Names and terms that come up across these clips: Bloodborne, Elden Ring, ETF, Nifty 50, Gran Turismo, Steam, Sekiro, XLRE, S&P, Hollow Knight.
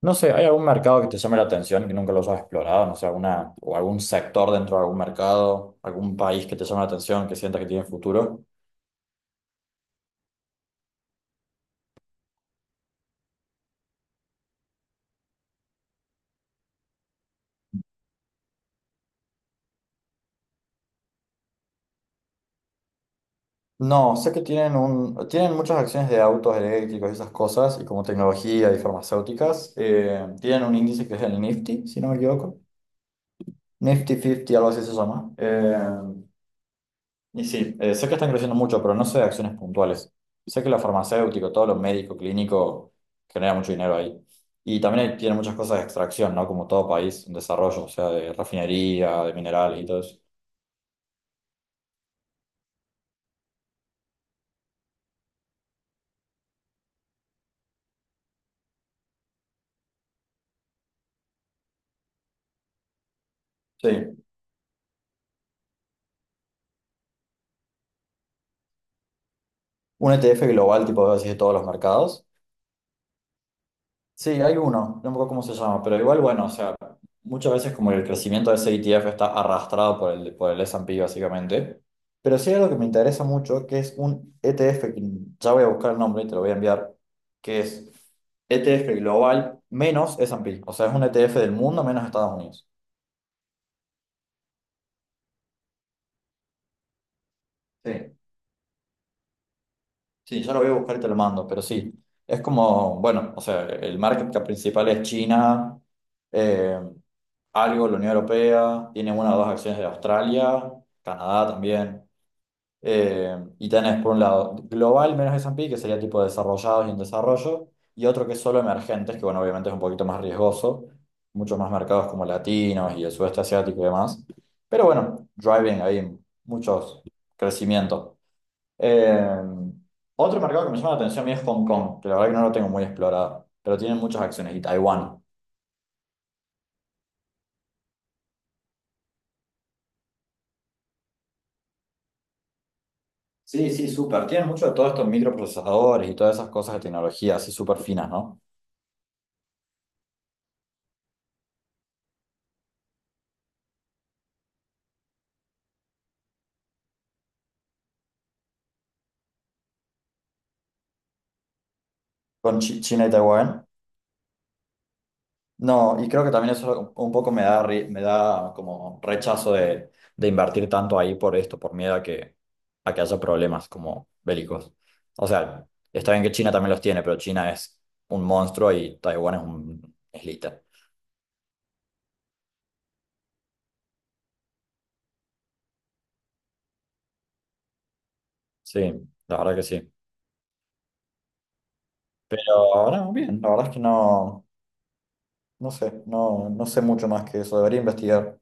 No sé, ¿hay algún mercado que te llame la atención que nunca los has explorado? No sé, o algún sector dentro de algún mercado, algún país que te llame la atención, que sientas que tiene futuro. No, sé que tienen muchas acciones de autos eléctricos y esas cosas, y como tecnología y farmacéuticas. Tienen un índice que es el Nifty, si no me equivoco. Nifty 50, algo así se llama. Y sí, sé que están creciendo mucho, pero no sé de acciones puntuales. Sé que lo farmacéutico, todo lo médico, clínico, genera mucho dinero ahí. Y también tiene muchas cosas de extracción, ¿no? Como todo país, en desarrollo, o sea, de refinería, de minerales y todo eso. Sí. Un ETF global, tipo, así de todos los mercados. Sí, hay uno, no me acuerdo cómo se llama, pero igual, bueno, o sea, muchas veces como el crecimiento de ese ETF está arrastrado por el S&P básicamente, pero sí hay algo que me interesa mucho, que es un ETF, que ya voy a buscar el nombre y te lo voy a enviar, que es ETF Global menos S&P, o sea, es un ETF del mundo menos Estados Unidos. Sí. Sí, ya lo voy a buscar y te lo mando, pero sí, es como, bueno, o sea, el market cap principal es China, eh, algo la Unión Europea, tiene una o dos acciones de Australia, Canadá también, y tenés por un lado global menos S&P, que sería tipo desarrollados y en desarrollo, y otro que es solo emergentes, que bueno, obviamente es un poquito más riesgoso, muchos más mercados como latinos y el sudeste asiático y demás, pero bueno, driving ahí muchos crecimientos. Eh, Otro mercado que me llama la atención a mí es Hong Kong, que la verdad que no lo tengo muy explorado, pero tienen muchas acciones. Y Taiwán. Sí, sí, súper. Tienen mucho de todos estos microprocesadores y todas esas cosas de tecnología, así súper finas, ¿no? Con China y Taiwán. No, y creo que también eso un poco me da como rechazo de invertir tanto ahí por esto, por miedo a que haya problemas como bélicos. O sea, está bien que China también los tiene, pero China es un monstruo y Taiwán es un islita. Sí, la verdad que sí. Pero no, bien, la verdad es que no sé, no sé mucho más que eso, debería investigar.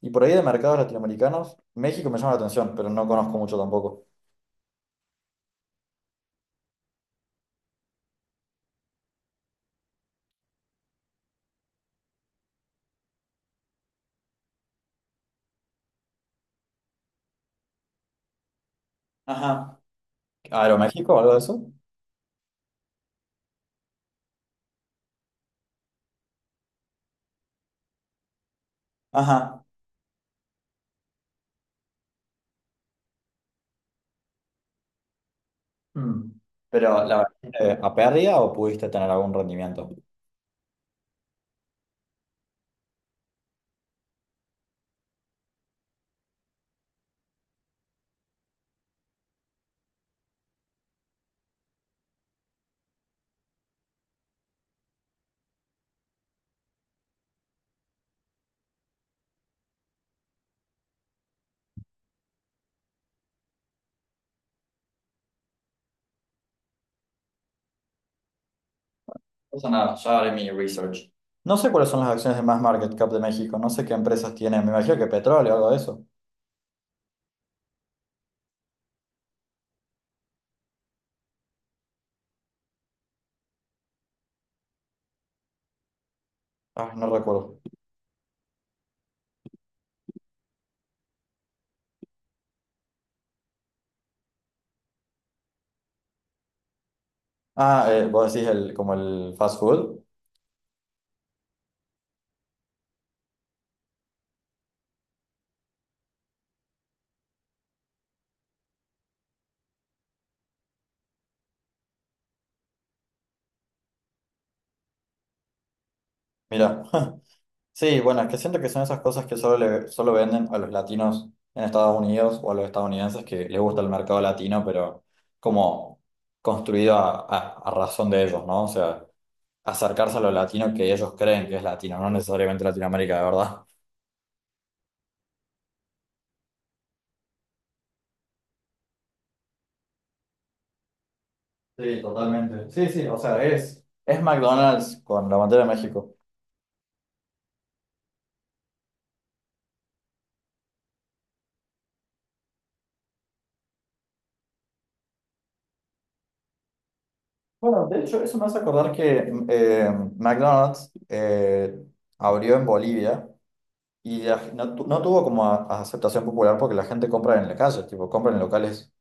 Y por ahí de mercados latinoamericanos, México me llama la atención, pero no conozco mucho tampoco. Ajá, ¿Aeroméxico o algo de eso? Ajá. Mm. Pero la verdad, ¿a pérdida o pudiste tener algún rendimiento? No pasa nada, ya haré mi research. No sé cuáles son las acciones de más market cap de México, no sé qué empresas tienen, me imagino que petróleo o algo de eso. Ah, no recuerdo. Ah, vos decís el, como el fast food. Mira. Sí, bueno, es que siento que son esas cosas que solo venden a los latinos en Estados Unidos o a los estadounidenses que les gusta el mercado latino, pero como construido a razón de ellos, ¿no? O sea, acercarse a lo latino que ellos creen que es latino, no necesariamente Latinoamérica, de verdad. Sí, totalmente. Sí, sí, o sea, es McDonald's con la bandera de México. Bueno, de hecho, eso me hace acordar que McDonald's abrió en Bolivia. Y no tuvo como a aceptación popular porque la gente compra en la calle, tipo, compra en locales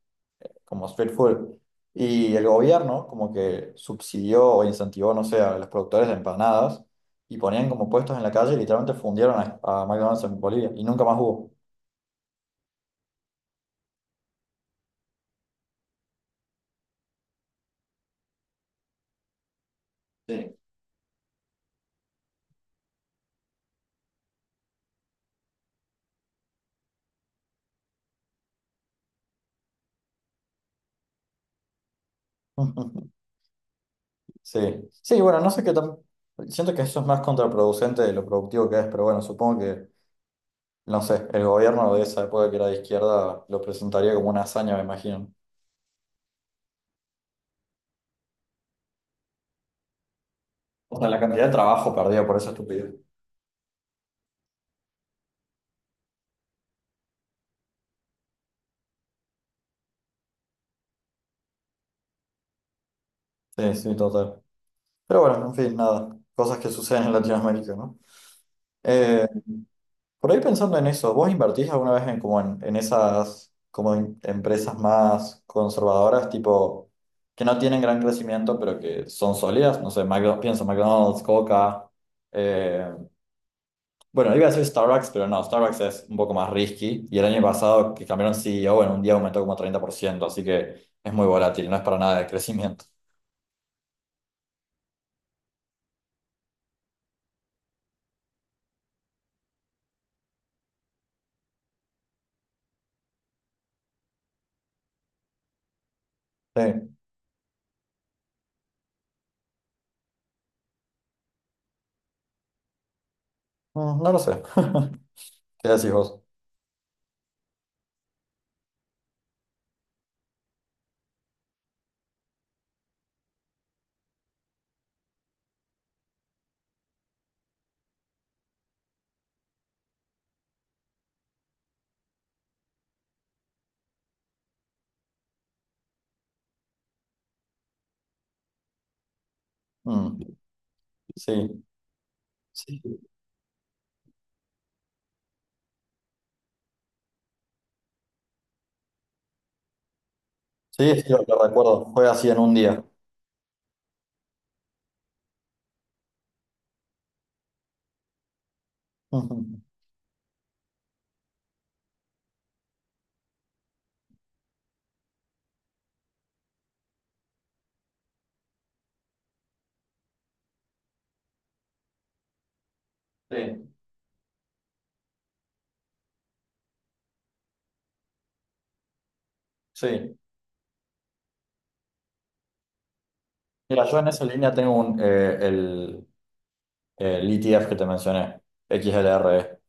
como street food. Y el gobierno como que subsidió o incentivó, no sé, a los productores de empanadas y ponían como puestos en la calle y literalmente fundieron a McDonald's en Bolivia y nunca más hubo. Sí. Sí, sí, bueno, no sé qué tan... Siento que eso es más contraproducente de lo productivo que es, pero bueno, no sé, el gobierno de esa época que era de izquierda lo presentaría como una hazaña, me imagino. O sea, la cantidad de trabajo perdido por esa estupidez. Sí, sí, total. Pero bueno, en fin, nada. Cosas que suceden en Latinoamérica, ¿no? Eh, por ahí pensando en eso, ¿vos invertís alguna vez en, en esas empresas más conservadoras, tipo, que no tienen gran crecimiento, pero que son sólidas? No sé, McDonald's, pienso McDonald's, Coca. eh, bueno, iba a decir Starbucks, pero no, Starbucks es un poco más risky. Y el año pasado que cambiaron CEO, en un día aumentó como 30%, así que es muy volátil, no es para nada de crecimiento. Sí. Mm, no lo sé. ¿Qué decís vos? Mm. Sí. Sí. Sí, sí, lo recuerdo. Fue así en un día. Ujú. Sí, sí. Mira, yo en esa línea tengo el ETF que te mencioné, XLRE.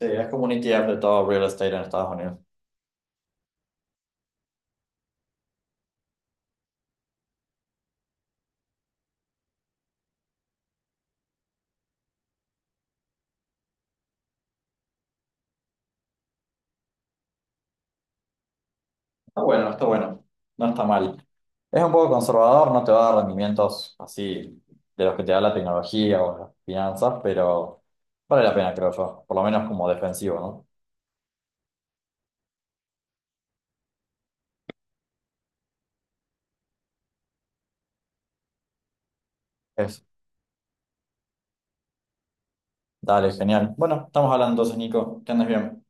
Sí, es como un ETF de todo real estate en Estados Unidos. Está bueno, está bueno. No está mal. Es un poco conservador, no te va a dar rendimientos así de los que te da la tecnología o las finanzas, pero vale la pena, creo yo. Por lo menos como defensivo, ¿no? Dale, genial. Bueno, estamos hablando entonces, Nico. Que andes bien.